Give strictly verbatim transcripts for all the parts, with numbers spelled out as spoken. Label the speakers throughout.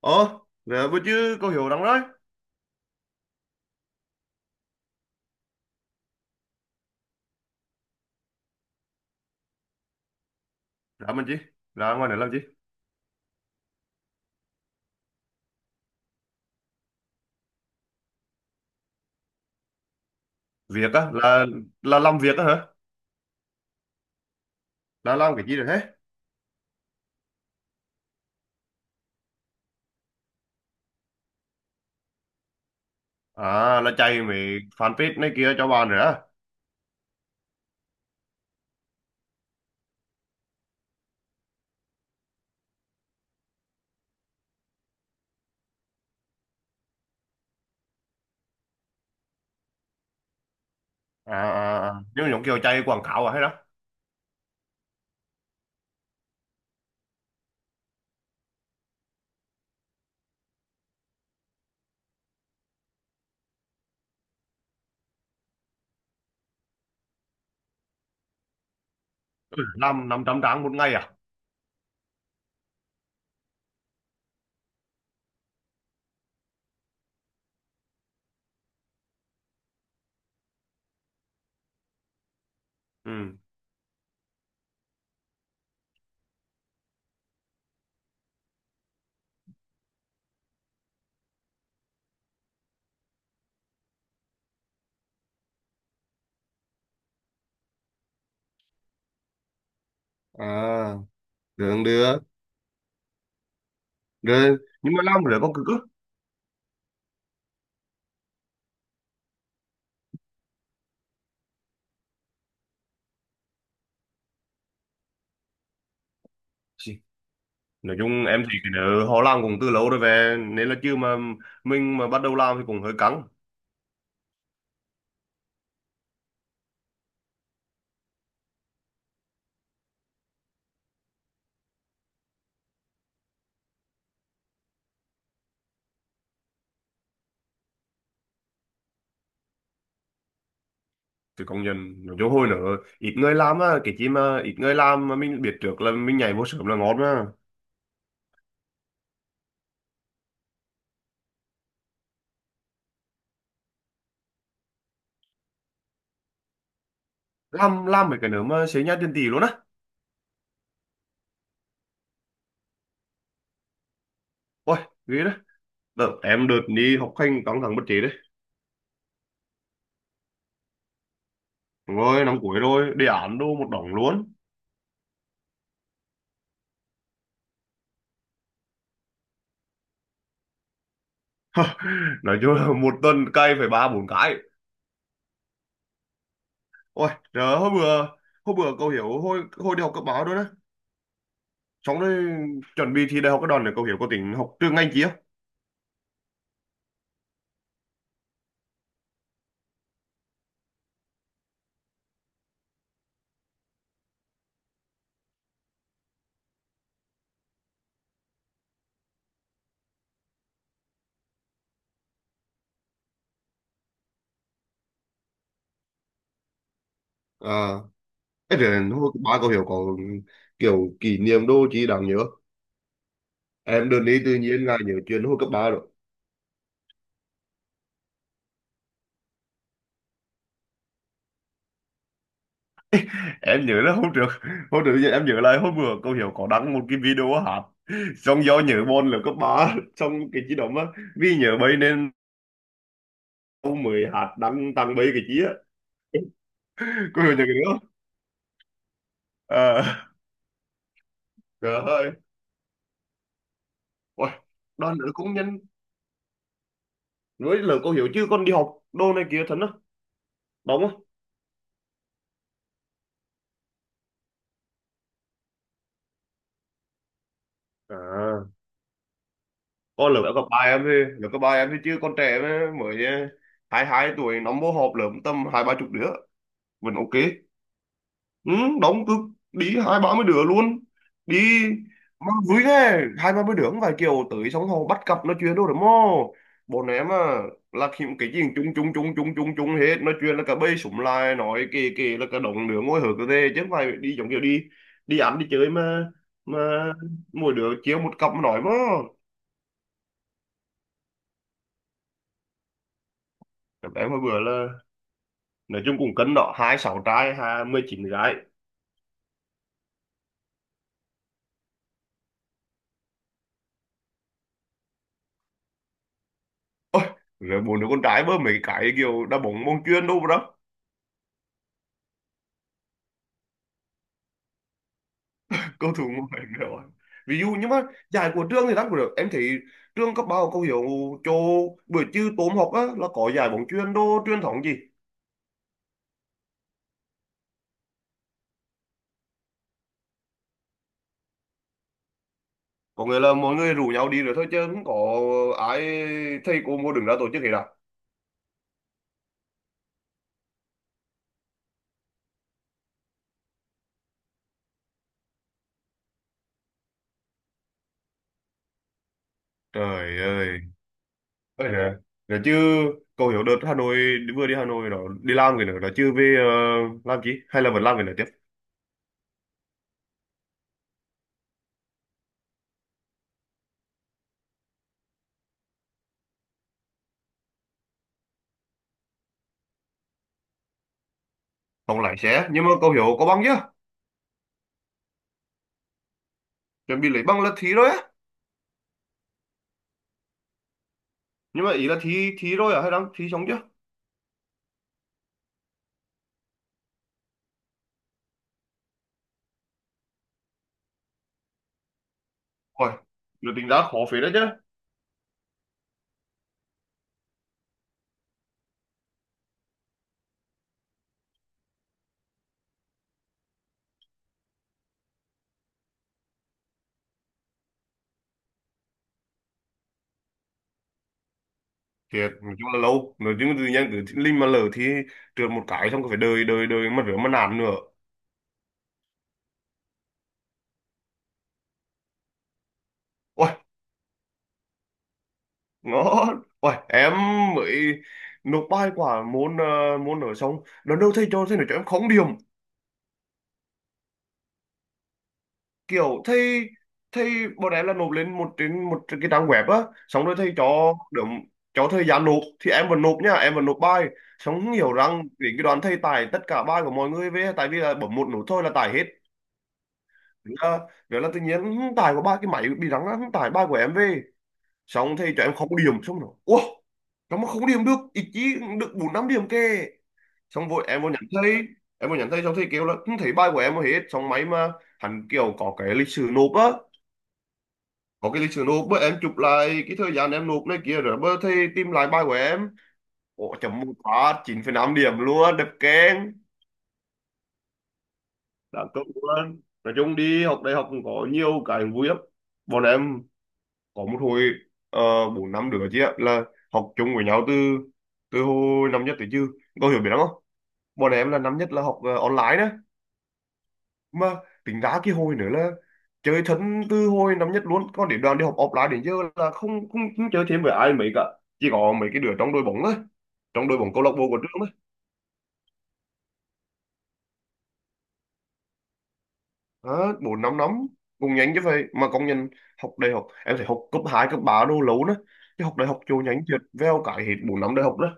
Speaker 1: Ồ, dạ, bữa chứ cô hiểu lắm đấy. Dạ mình chị, là ngoài này làm gì? Việc á, là là làm việc á hả? Là làm cái gì rồi thế? À, là chạy mấy fanpage này kia cho bạn rồi á. À, à, à. Nhưng mà giống kiểu chạy quảng cáo à hay đó. Ừ, làm năm trăm trang một ngày à? Ừ. À, được, được. Được, nhưng mà làm rồi có cực á. Gì? Nói chung em thấy cái đó họ làm cũng từ lâu rồi về, nên là chưa mà mình mà bắt đầu làm thì cũng hơi căng. Thì công nhận nói chung hồi nữa ít người làm á, cái chi mà ít người làm mà mình biết trước là mình nhảy vô sớm là ngon mà làm làm mấy cái nữa mà xế nhá tiền tỷ luôn á. Ôi, ghê đó. Đợt em đợt đi học hành căng thẳng bất trí đấy. Đúng rồi, năm cuối rồi đề án đô một đống luôn. Nói chung là một tuần cày phải ba bốn cái. Ôi trời, hôm bữa hôm bữa cậu hiểu hồi hồi đi học cấp báo đó đó. Xong rồi chuẩn bị thi đại học cái đòn này cậu hiểu có tính học trường ngành chi không? À, ấy rồi hồi cấp ba cậu hiểu có kiểu kỷ niệm đô chi đáng nhớ? Em đừng đi tự nhiên là nhớ chuyện hồi cấp ba rồi. Em nhớ là hôm trước hôm trước em nhớ lại hôm bữa cô hiểu có đăng một cái video hát, xong do nhớ môn là cấp ba xong cái chi đó á, vì nhớ bấy nên cô mới hát đăng tăng bấy cái chi á. Cô Hiếu nhớ cái đó. À, trời ơi. Ôi, đoàn nữ cũng nhân với lời cô hiểu chứ con đi học đô này kia thật á, đúng không? À, con lớp cấp ba em thì lớp cấp ba em thì chứ con trẻ mà, mới à, hai hai tuổi nó mô họp lớp tầm hai ba chục đứa, vẫn ok. Ừ, đóng cực, đi hai ba mươi đứa luôn. Đi mà vui ghê, hai ba mươi đứa không phải kiểu tới xong họ bắt cặp nói chuyện đâu, đúng không? Bọn em à là khi- cái gì cũng chung chung chung chung chung chung hết, nói chuyện là cả bầy súng lại nói kì kì, là cả đồng đứa ngồi hở cơ thế, chứ không phải đi giống kiểu đi đi ăn đi chơi mà mà mỗi đứa chiếu một cặp mà nói mà. Em hồi bữa là nói chung cũng cân đó, hai sáu trai hai mười chín gái. Ôi, rồi bốn đứa con trai bơ mấy cái kiểu đá bóng bóng chuyền đâu đó. Cầu thủ ngoại hình rồi. Ví dụ nhưng mà giải của trường thì đáng cũng được em thấy, trường cấp ba có hiểu cho buổi trưa tốm học á là có giải bóng chuyền đô truyền thống gì. Có nghĩa là mọi người rủ nhau đi rồi thôi chứ không có ai, thầy cô mua đứng ra tổ chức hết à? Trời ơi. Ôi giời. Rồi chứ cậu hiểu đợt Hà Nội, vừa đi Hà Nội đó đi làm cái nữa đó chứ về, ờ, làm chi hay là vẫn làm cái nữa tiếp? Không lái xe nhưng mà cậu hiểu có bằng chưa? Chuẩn bị lấy bằng là thi rồi á? Nhưng mà ý là thi thi rồi à hay đang thi xong chưa? Ôi, được tính ra khó phết đấy chứ. Thiệt nói chung là lâu, nói chung là tự nhiên cứ linh mà lỡ thì trượt một cái xong cứ phải đợi đợi đợi mà rửa mà nạn nữa. Ôi ngon, ôi em mới nộp bài quả môn ờ, môn ở xong lần đầu thầy cho, thầy nói cho em không điểm, kiểu thầy thầy bọn em là nộp lên một trên một cái trang web á, xong rồi thầy cho được cho thời gian nộp thì em vẫn nộp nha, em vẫn nộp bài xong hiểu rằng đến cái đoạn thầy tải tất cả bài của mọi người về, tại vì là bấm một nút thôi là tải hết. Đó. Vậy là tự nhiên "Hưng, tải của ba cái máy bị rắn á, Hưng tải ba của em về xong thì cho em không điểm xong rồi ủa, nó mà không điểm được ít chí, được bốn năm điểm kìa. Xong vội em vô nhắn thầy, em vô nhắn thầy xong thầy kêu là không thấy bài của em hết, xong máy mà hắn kiểu có cái lịch sử nộp á, có cái lịch sử nộp bữa em chụp lại cái thời gian em nộp này kia rồi, bữa thầy tìm lại bài của em, ủa chấm một phát chín phẩy năm điểm luôn, đẹp keng. Đáng công luôn. Nói chung đi học đại học cũng có nhiều cái vui lắm. Bọn em có một hồi, ờ, bốn năm đứa chị ạ là học chung với nhau từ từ hồi năm nhất tới chứ, có hiểu biết lắm không, bọn em là năm nhất là học ờ, online đó mà, tính ra cái hồi nữa là chơi thân từ hồi năm nhất luôn, còn đến đoàn đi học offline đến giờ là không không, không chơi thêm với ai mấy cả, chỉ có mấy cái đứa trong đội bóng thôi, trong đội bóng câu lạc bộ của trường thôi. À, bốn năm năm cũng nhanh chứ vậy mà, công nhận học đại học em phải học cấp hai cấp ba đô lâu nữa chứ, học đại học chỗ nhanh thiệt, veo cái hết bốn năm đại học đó.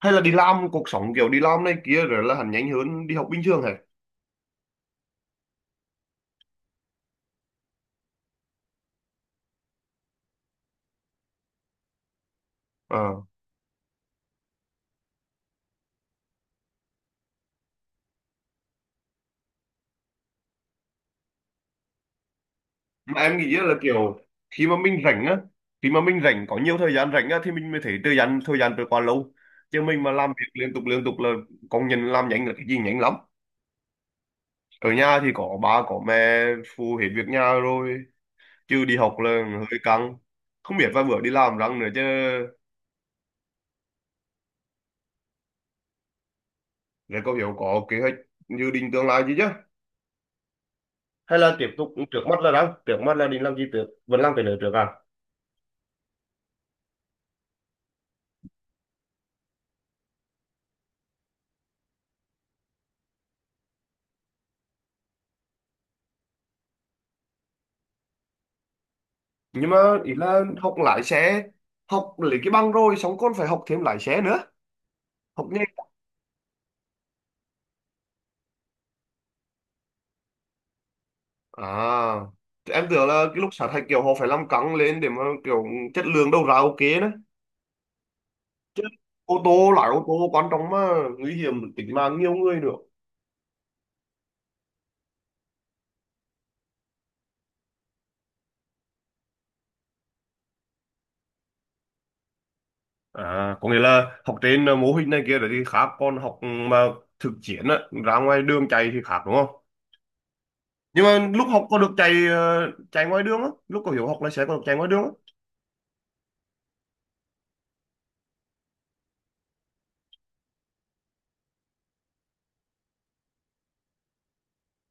Speaker 1: Hay là đi làm cuộc sống kiểu đi làm này kia rồi là hẳn nhanh hơn đi học bình thường hả? Ờ. Mà em nghĩ là kiểu khi mà mình rảnh á khi mà mình rảnh có nhiều thời gian rảnh á thì mình mới thấy thời gian thời gian trôi qua lâu, chứ mình mà làm việc liên tục liên tục là công nhân làm nhanh là cái gì nhanh lắm. Ở nhà thì có ba có mẹ phụ hết việc nhà rồi, chứ đi học là hơi căng, không biết vài bữa đi làm răng nữa chứ. Rồi có hiểu có kế hoạch dự định tương lai gì chứ, hay là tiếp tục trước mắt là đang trước mắt là định làm gì trước, vẫn làm cái nữa trước à? Nhưng mà ý là học lái xe, học lấy cái bằng rồi xong còn phải học thêm lái xe nữa, học nghề à? Thì em tưởng là cái lúc sát hạch kiểu họ phải làm căng lên để mà kiểu chất lượng đầu ra ok đó chứ, ô tô lái ô tô quan trọng mà, nguy hiểm tính mạng nhiều người nữa. À có nghĩa là học trên ờ, mô hình này kia rồi thì khác, còn học mà thực chiến á ra ngoài đường chạy thì khác đúng không? Nhưng mà lúc học có được chạy ờ, chạy ngoài đường á, lúc có hiểu học lái xe có được chạy ngoài đường á?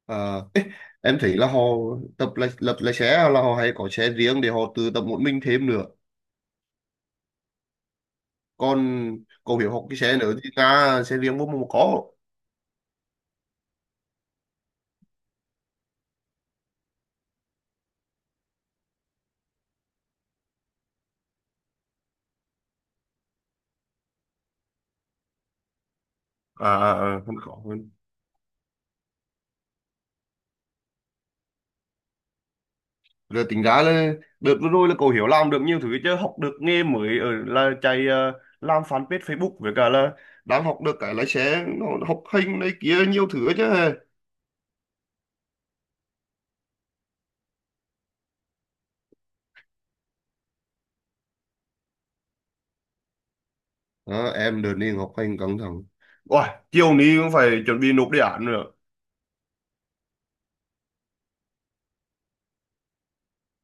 Speaker 1: À. Em thấy là họ tập là lập lái xe là họ hay có xe riêng để họ tự tập một mình thêm nữa, còn cậu hiểu học cái xe nữa thì ra xe riêng bố mà có. À à, à, không có hơn. Rồi tính ra là đợt vừa rồi là cậu hiểu làm được nhiều thứ chứ, học được nghề mới ở là chạy ờ, làm fanpage Facebook với cả là đang học được cái lái xe nó, học hành này kia nhiều thứ chứ. Ờ, em đợt đi học hành căng thẳng. Ôi, chiều nay cũng phải chuẩn bị nộp đề án nữa.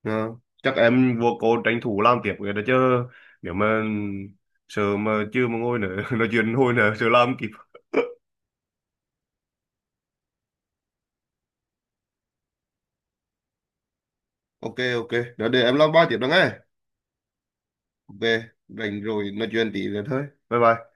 Speaker 1: Ờ, chắc em vô cô tranh thủ làm tiếp cái đó chứ, nếu mà sợ mà chưa mà ngồi nữa nói chuyện hồi nữa sợ làm kịp. Ok ok, đó để em làm ba tiếp đó nghe. Ok. Rảnh rồi nói chuyện tí nữa thôi. Bye bye.